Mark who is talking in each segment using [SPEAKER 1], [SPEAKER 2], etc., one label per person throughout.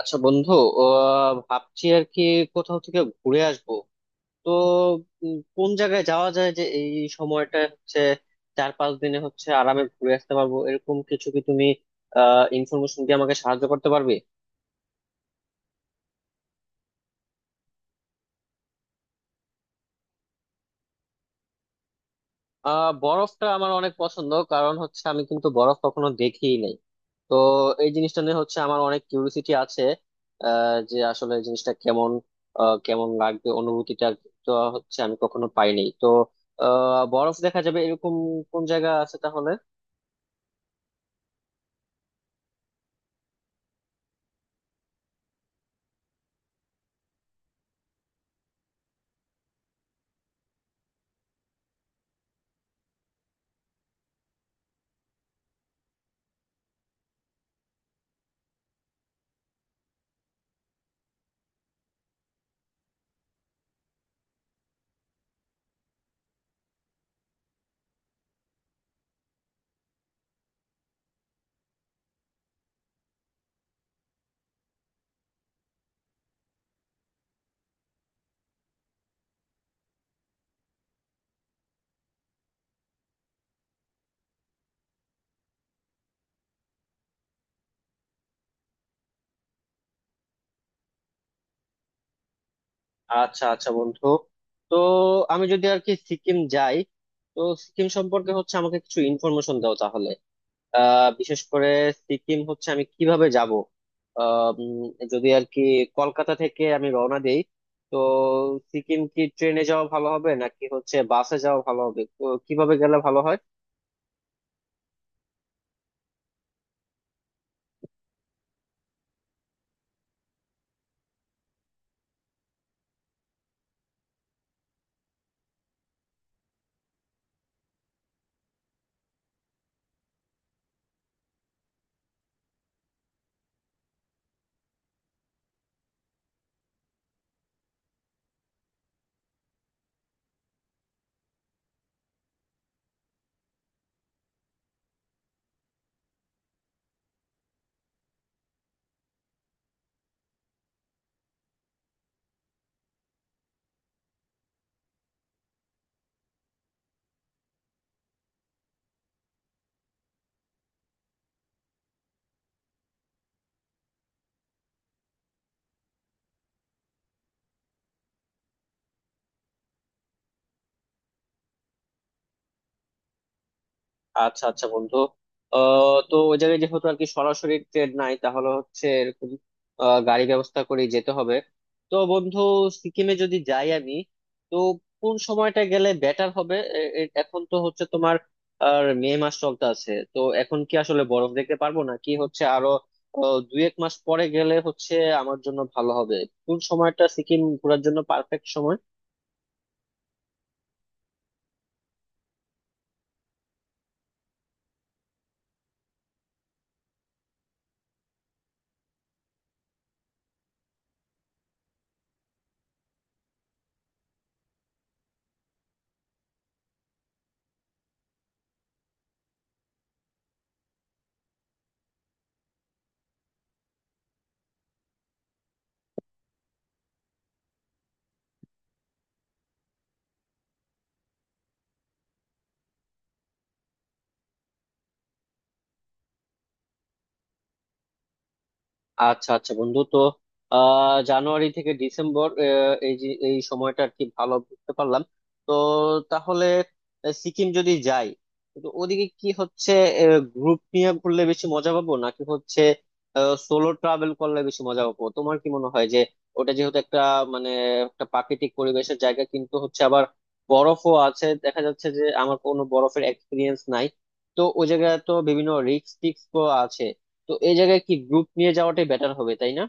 [SPEAKER 1] আচ্ছা বন্ধু। ভাবছি আর কি কোথাও থেকে ঘুরে আসবো। তো কোন জায়গায় যাওয়া যায় যে এই সময়টা হচ্ছে 4 5 দিনে হচ্ছে আরামে ঘুরে আসতে পারবো, এরকম কিছু কি তুমি ইনফরমেশন দিয়ে আমাকে সাহায্য করতে পারবে? বরফটা আমার অনেক পছন্দ, কারণ হচ্ছে আমি কিন্তু বরফ কখনো দেখিই নাই। তো এই জিনিসটা নিয়ে হচ্ছে আমার অনেক কিউরিসিটি আছে, যে আসলে এই জিনিসটা কেমন, কেমন লাগবে অনুভূতিটা। তো হচ্ছে আমি কখনো পাইনি, তো বরফ দেখা যাবে এরকম কোন জায়গা আছে তাহলে? আচ্ছা আচ্ছা বন্ধু, তো আমি যদি আর কি সিকিম যাই, তো সিকিম সম্পর্কে হচ্ছে আমাকে কিছু ইনফরমেশন দাও তাহলে। বিশেষ করে সিকিম হচ্ছে আমি কিভাবে যাব? যদি আর কি কলকাতা থেকে আমি রওনা দেই, তো সিকিম কি ট্রেনে যাওয়া ভালো হবে নাকি হচ্ছে বাসে যাওয়া ভালো হবে, তো কিভাবে গেলে ভালো হয়? আচ্ছা আচ্ছা বন্ধু, তো ওই জায়গায় যেহেতু আর কি সরাসরি ট্রেন নাই, তাহলে হচ্ছে এরকম গাড়ি ব্যবস্থা করে যেতে হবে। তো বন্ধু, সিকিমে যদি যাই আমি, তো কোন সময়টা গেলে বেটার হবে? এখন তো হচ্ছে তোমার আর মে মাস চলতে আছে, তো এখন কি আসলে বরফ দেখতে পারবো, না কি হচ্ছে আরো 2 1 মাস পরে গেলে হচ্ছে আমার জন্য ভালো হবে? কোন সময়টা সিকিম ঘোরার জন্য পারফেক্ট সময়? আচ্ছা আচ্ছা বন্ধু, তো জানুয়ারি থেকে ডিসেম্বর এই যে এই সময়টা আর কি ভালো বুঝতে পারলাম। তো তাহলে সিকিম যদি যাই, কিন্তু ওদিকে কি হচ্ছে গ্রুপ নিয়ে ঘুরলে বেশি মজা পাবো, নাকি হচ্ছে সোলো ট্রাভেল করলে বেশি মজা পাবো? তোমার কি মনে হয় যে ওটা যেহেতু একটা মানে একটা প্রাকৃতিক পরিবেশের জায়গা, কিন্তু হচ্ছে আবার বরফও আছে, দেখা যাচ্ছে যে আমার কোনো বরফের এক্সপিরিয়েন্স নাই, তো ওই জায়গায় তো বিভিন্ন রিস্ক টিস্ক আছে, তো এই জায়গায় কি গ্রুপ নিয়ে যাওয়াটাই বেটার হবে, তাই না?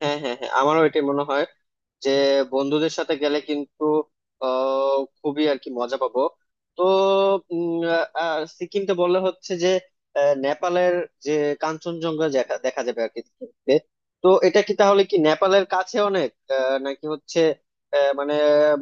[SPEAKER 1] হ্যাঁ, হ্যাঁ, হ্যাঁ, আমারও এটাই মনে হয় যে বন্ধুদের সাথে গেলে কিন্তু খুবই আর কি মজা পাবো। তো উম, সিকিমকে বললে হচ্ছে যে নেপালের যে কাঞ্চনজঙ্ঘা দেখা দেখা যাবে আর কি সিকিমে। তো এটা কি তাহলে কি নেপালের কাছে অনেক নাকি হচ্ছে মানে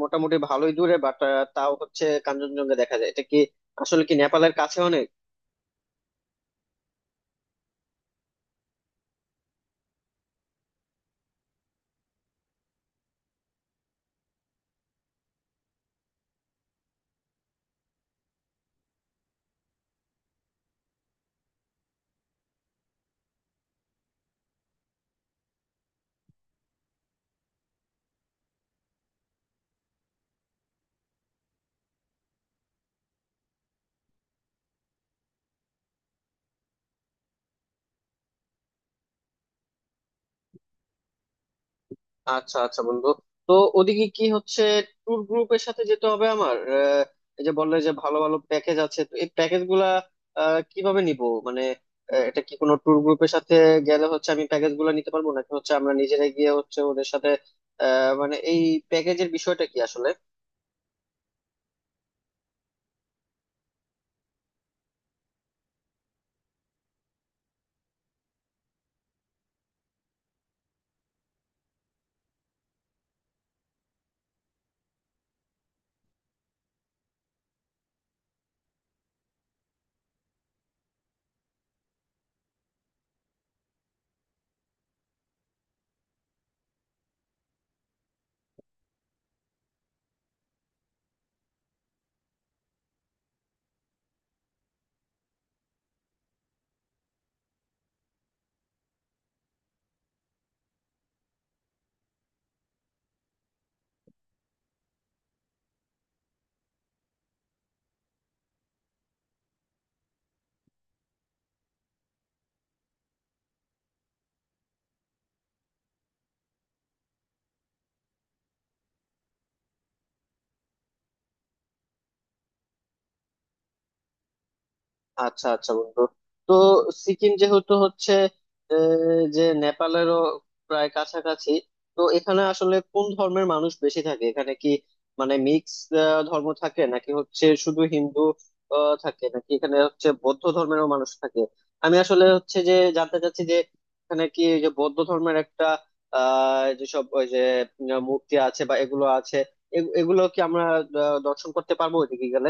[SPEAKER 1] মোটামুটি ভালোই দূরে, বাট তাও হচ্ছে কাঞ্চনজঙ্ঘা দেখা যায়? এটা কি আসলে কি নেপালের কাছে অনেক? আচ্ছা আচ্ছা বন্ধু, তো ওদিকে কি হচ্ছে ট্যুর গ্রুপের সাথে যেতে হবে আমার? এই যে বললে যে ভালো ভালো প্যাকেজ আছে, তো এই প্যাকেজ গুলা কিভাবে নিব? মানে এটা কি কোনো ট্যুর গ্রুপের সাথে গেলে হচ্ছে আমি প্যাকেজ গুলা নিতে পারবো, নাকি হচ্ছে আমরা নিজেরা গিয়ে হচ্ছে ওদের সাথে মানে এই প্যাকেজের বিষয়টা কি আসলে? আচ্ছা আচ্ছা বন্ধু, তো সিকিম যেহেতু হচ্ছে যে নেপালেরও প্রায় কাছাকাছি, তো এখানে আসলে কোন ধর্মের মানুষ বেশি থাকে? এখানে কি মানে মিক্স ধর্ম থাকে, নাকি হচ্ছে শুধু হিন্দু থাকে, নাকি এখানে হচ্ছে বৌদ্ধ ধর্মেরও মানুষ থাকে? আমি আসলে হচ্ছে যে জানতে চাচ্ছি যে এখানে কি এই যে বৌদ্ধ ধর্মের একটা যেসব ওই যে মূর্তি আছে বা এগুলো আছে, এগুলো কি আমরা দর্শন করতে পারবো ওইদিকে গেলে?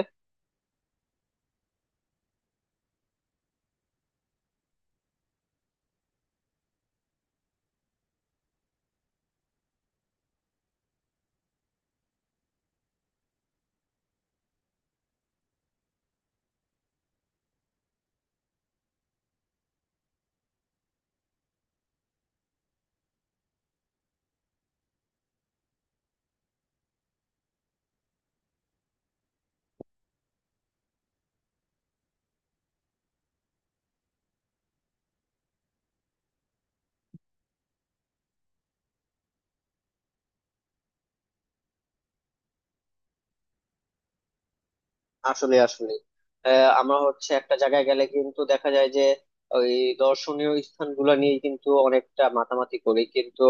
[SPEAKER 1] আসলে আসলে আমরা হচ্ছে একটা জায়গায় গেলে কিন্তু দেখা যায় যে ওই দর্শনীয় স্থানগুলো নিয়ে কিন্তু অনেকটা মাতামাতি করি, কিন্তু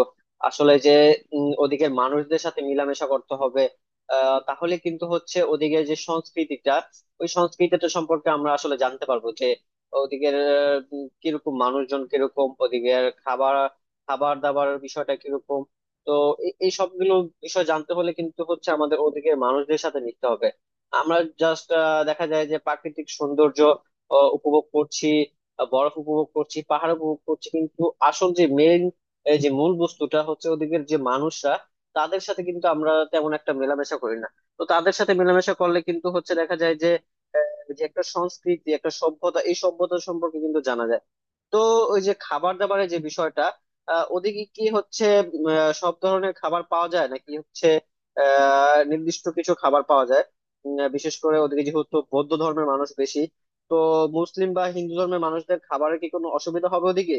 [SPEAKER 1] আসলে যে ওদিকের মানুষদের সাথে মেলামেশা করতে হবে। তাহলে কিন্তু হচ্ছে ওদিকে যে সংস্কৃতিটা, ওই সংস্কৃতিটা সম্পর্কে আমরা আসলে জানতে পারবো যে ওদিকের কিরকম মানুষজন, কিরকম ওদিকের খাবার খাবার দাবার বিষয়টা কিরকম। তো এই এই সবগুলো বিষয় জানতে হলে কিন্তু হচ্ছে আমাদের ওদিকের মানুষদের সাথে মিশতে হবে। আমরা জাস্ট দেখা যায় যে প্রাকৃতিক সৌন্দর্য উপভোগ করছি, বরফ উপভোগ করছি, পাহাড় উপভোগ করছি, কিন্তু আসল যে মেইন যে মূল বস্তুটা হচ্ছে ওদিকের যে মানুষরা, তাদের সাথে কিন্তু আমরা তেমন একটা মেলামেশা করি না। তো তাদের সাথে মেলামেশা করলে কিন্তু হচ্ছে দেখা যায় যে যে একটা সংস্কৃতি, একটা সভ্যতা, এই সভ্যতা সম্পর্কে কিন্তু জানা যায়। তো ওই যে খাবার দাবারের যে বিষয়টা, ওদিকে কি হচ্ছে সব ধরনের খাবার পাওয়া যায়, নাকি হচ্ছে নির্দিষ্ট কিছু খাবার পাওয়া যায়? বিশেষ করে ওদিকে যেহেতু বৌদ্ধ ধর্মের মানুষ বেশি, তো মুসলিম বা হিন্দু ধর্মের মানুষদের খাবারের কি কোনো অসুবিধা হবে ওদিকে?